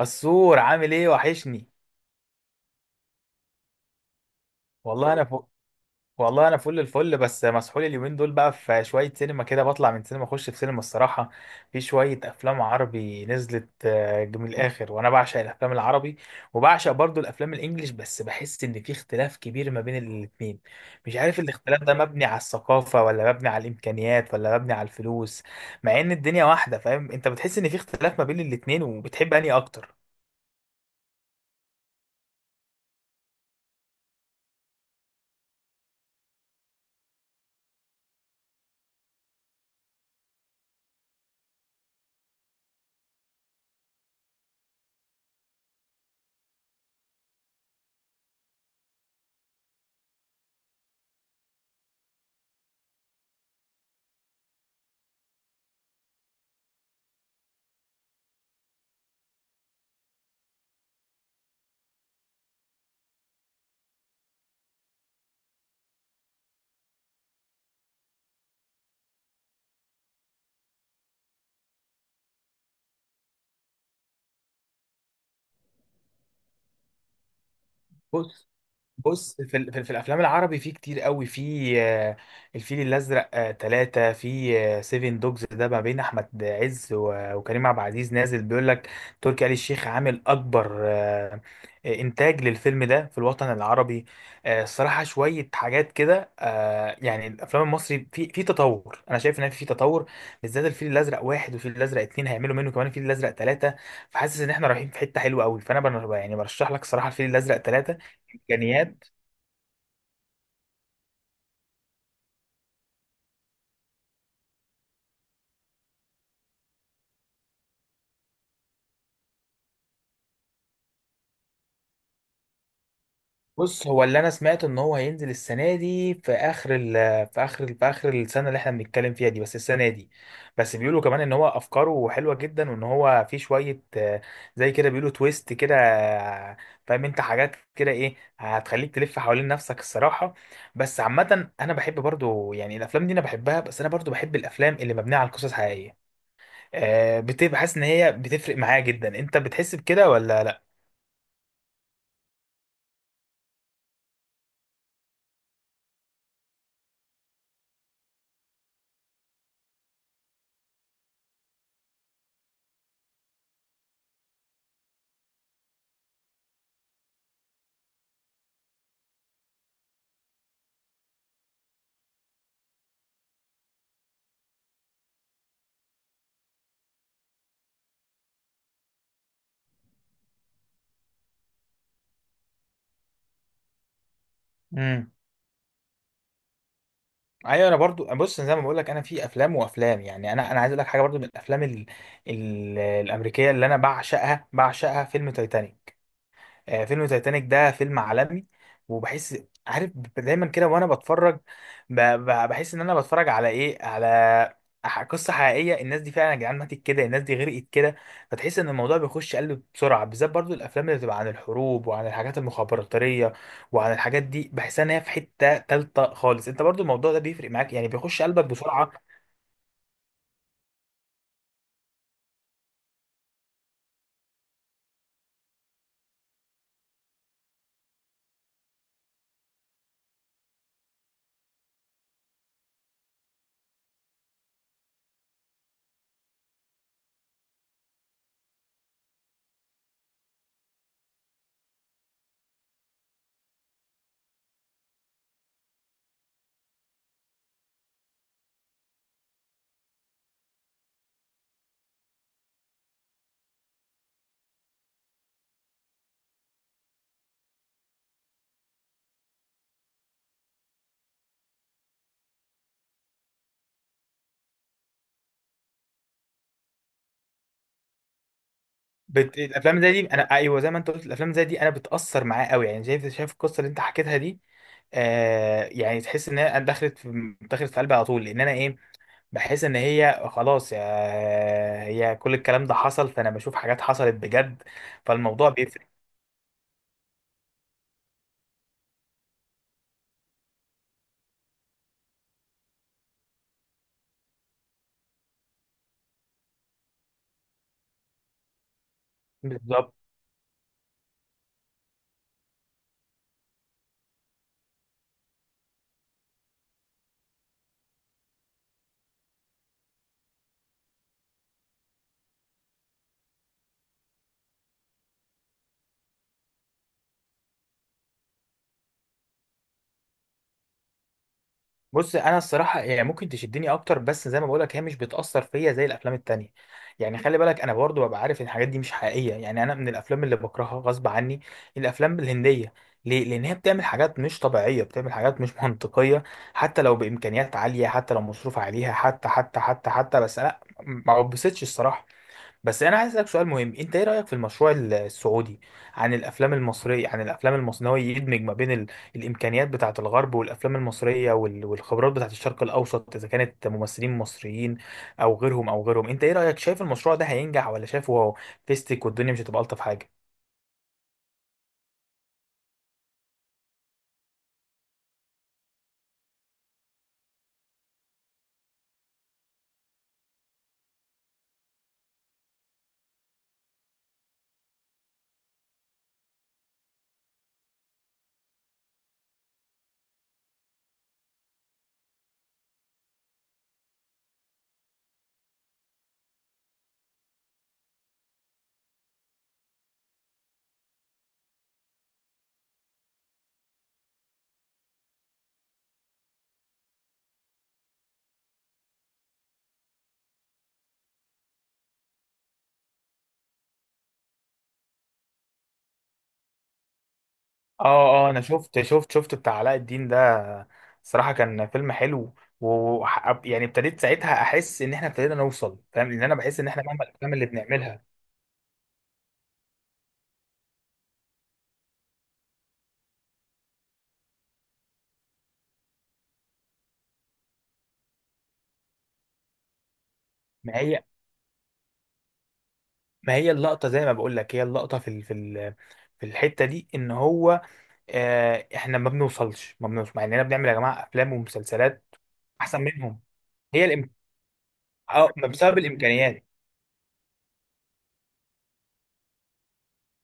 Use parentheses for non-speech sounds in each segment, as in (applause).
السور عامل ايه وحشني. والله انا فل... والله انا فل الفل، بس مسحول اليومين دول. بقى في شويه سينما كده، بطلع من سينما اخش في سينما الصراحه. في شويه افلام عربي نزلت، من الاخر. وانا بعشق الافلام العربي، وبعشق برضو الافلام الانجليش، بس بحس ان في اختلاف كبير ما بين الاتنين. مش عارف الاختلاف ده مبني على الثقافه، ولا مبني على الامكانيات، ولا مبني على الفلوس، مع ان الدنيا واحده. فاهم انت؟ بتحس ان في اختلاف ما بين الاتنين، وبتحب انهي اكتر؟ بص، في الافلام العربي في كتير قوي. في الفيل الازرق، تلاتة. في سيفن دوجز، ده ما بين احمد عز وكريم عبد العزيز، نازل بيقول لك تركي آل الشيخ عامل اكبر انتاج للفيلم ده في الوطن العربي. الصراحه شويه حاجات كده، يعني الافلام المصري في تطور. انا شايف ان في تطور، بالذات الفيل الازرق واحد والفيل الازرق اتنين، هيعملوا منه كمان الفيل الازرق تلاتة. فحاسس ان احنا رايحين في حته حلوه قوي. يعني برشح لك صراحه الفيل الازرق تلاتة. امكانيات. بص، هو اللي انا سمعت ان هو هينزل السنه دي في اخر ال في اخر ال في اخر السنه اللي احنا بنتكلم فيها دي، بس السنه دي. بس بيقولوا كمان ان هو افكاره حلوه جدا، وان هو في شويه زي كده، بيقولوا تويست كده. فاهم انت؟ حاجات كده، ايه هتخليك تلف حوالين نفسك الصراحه. بس عامه انا بحب برضو يعني الافلام دي، انا بحبها، بس انا برضو بحب الافلام اللي مبنيه على قصص حقيقيه. بتبقى حاسس ان هي بتفرق معايا جدا. انت بتحس بكده ولا لا؟ امم ايوه، انا برضو بص، زي ما بقول لك، انا في افلام وافلام، يعني انا عايز اقول لك حاجه برضو. من الافلام الامريكيه اللي انا بعشقها فيلم تايتانيك. فيلم تايتانيك ده فيلم عالمي، وبحس، عارف، دايما كده وانا بتفرج، بحس ان انا بتفرج على ايه، على قصة حقيقية. الناس دي فعلا يا جدعان ماتت كده، الناس دي غرقت كده. فتحس ان الموضوع بيخش قلب بسرعة، بالذات برضو الافلام اللي بتبقى عن الحروب وعن الحاجات المخابراتية وعن الحاجات دي. بحس ان هي في حتة تالتة خالص. انت برضو الموضوع ده بيفرق معاك؟ يعني بيخش قلبك بسرعة. الافلام زي دي، انا ايوه، زي ما انت قلت، الافلام زي دي انا بتاثر معاه قوي. يعني شايف، شايف القصه اللي انت حكيتها دي، آه، يعني تحس ان هي دخلت في قلبي على طول. لان انا ايه، بحس ان هي خلاص، يا هي، كل الكلام ده حصل، فانا بشوف حاجات حصلت بجد. فالموضوع بيفرق. بالظبط. بص انا الصراحه يعني ممكن تشدني اكتر، بس زي ما بقولك هي مش بتاثر فيا زي الافلام التانية. يعني خلي بالك، انا برضو ببقى عارف ان الحاجات دي مش حقيقيه. يعني انا من الافلام اللي بكرهها غصب عني الافلام الهنديه. ليه؟ لان هي بتعمل حاجات مش طبيعيه، بتعمل حاجات مش (laughs) منطقيه، حتى لو بامكانيات عاليه، حتى لو مصروف عليها، حتى حتى حتى حتى بس لا، ما بتبسطش الصراحه. بس انا عايز اسالك سؤال مهم. انت ايه رايك في المشروع السعودي عن الافلام المصريه؟ إن هو يدمج ما بين الامكانيات بتاعه الغرب والافلام المصريه والخبرات بتاعه الشرق الاوسط، اذا كانت ممثلين مصريين او غيرهم. انت ايه رايك؟ شايف المشروع ده هينجح؟ ولا شايفه هو فيستك والدنيا مش هتبقى الطف حاجه؟ اه. اه انا شفت بتاع علاء الدين ده، صراحه كان فيلم حلو. و، يعني ابتديت ساعتها احس ان احنا ابتدينا نوصل. فاهم؟ لان انا بحس ان احنا مهما الافلام اللي بنعملها. ما هي ما هي اللقطة، زي ما بقول لك، هي اللقطة في ال في ال في الحتة دي، ان هو احنا ما بنوصلش مع اننا بنعمل يا جماعة افلام ومسلسلات احسن منهم. هي الإم... اه، ما بسبب الامكانيات.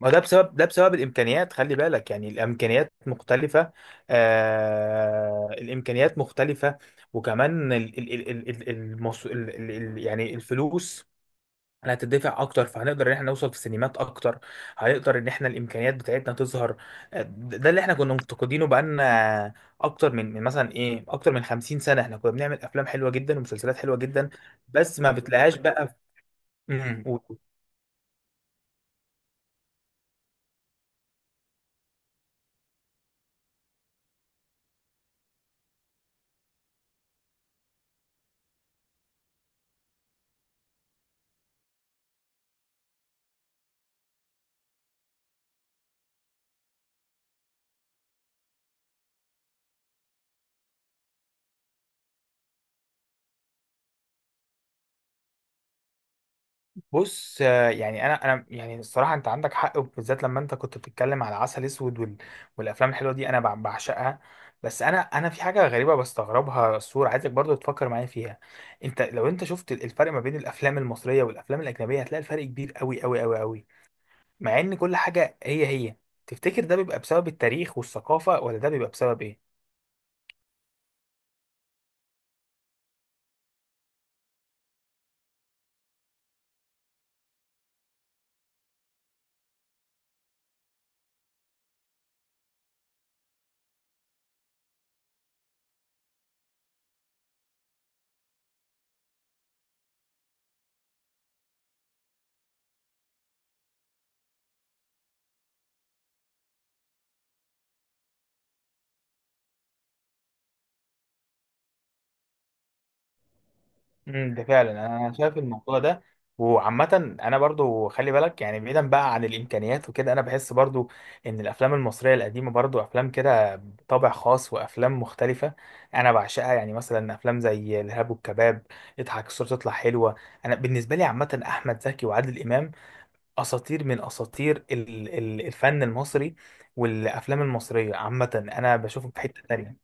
ما ده بسبب الامكانيات. خلي بالك يعني الامكانيات مختلفة. آه، الامكانيات مختلفة. وكمان ال ال ال ال ال المص... ال ال ال يعني الفلوس. انا هتدفع اكتر، فهنقدر ان احنا نوصل في سينمات اكتر. هنقدر ان احنا الامكانيات بتاعتنا تظهر. ده اللي احنا كنا مفتقدينه. بقالنا اكتر من مثلا ايه، اكتر من 50 سنه، احنا كنا بنعمل افلام حلوه جدا ومسلسلات حلوه جدا، بس ما بتلاقيهاش بقى. في... بص، يعني انا يعني الصراحه انت عندك حق، بالذات لما انت كنت بتتكلم على عسل اسود والافلام الحلوه دي انا بعشقها. بس انا في حاجه غريبه بستغربها الصور، عايزك برضو تفكر معايا فيها. انت لو انت شفت الفرق ما بين الافلام المصريه والافلام الاجنبيه، هتلاقي الفرق كبير قوي، مع ان كل حاجه هي هي. تفتكر ده بيبقى بسبب التاريخ والثقافه، ولا ده بيبقى بسبب ايه؟ ده فعلا انا شايف الموضوع ده. وعامة انا برضو خلي بالك، يعني بعيدا بقى عن الامكانيات وكده، انا بحس برضو ان الافلام المصرية القديمة برضو افلام كده بطابع خاص، وافلام مختلفة، انا بعشقها. يعني مثلا افلام زي الارهاب والكباب، اضحك الصورة تطلع حلوة. انا بالنسبة لي، عامة، احمد زكي وعادل امام اساطير من اساطير الفن المصري، والافلام المصرية عامة انا بشوفهم في حتة تانية.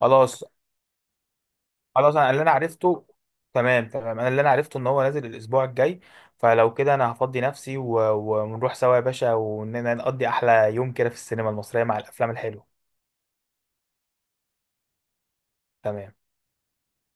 خلاص. خلاص انا اللي انا عرفته تمام تمام. انا اللي انا عرفته ان هو نازل الاسبوع الجاي. فلو كده انا هفضي نفسي، و... ونروح سوا يا باشا، ونقضي احلى يوم كده في السينما المصرية مع الافلام الحلوة. تمام.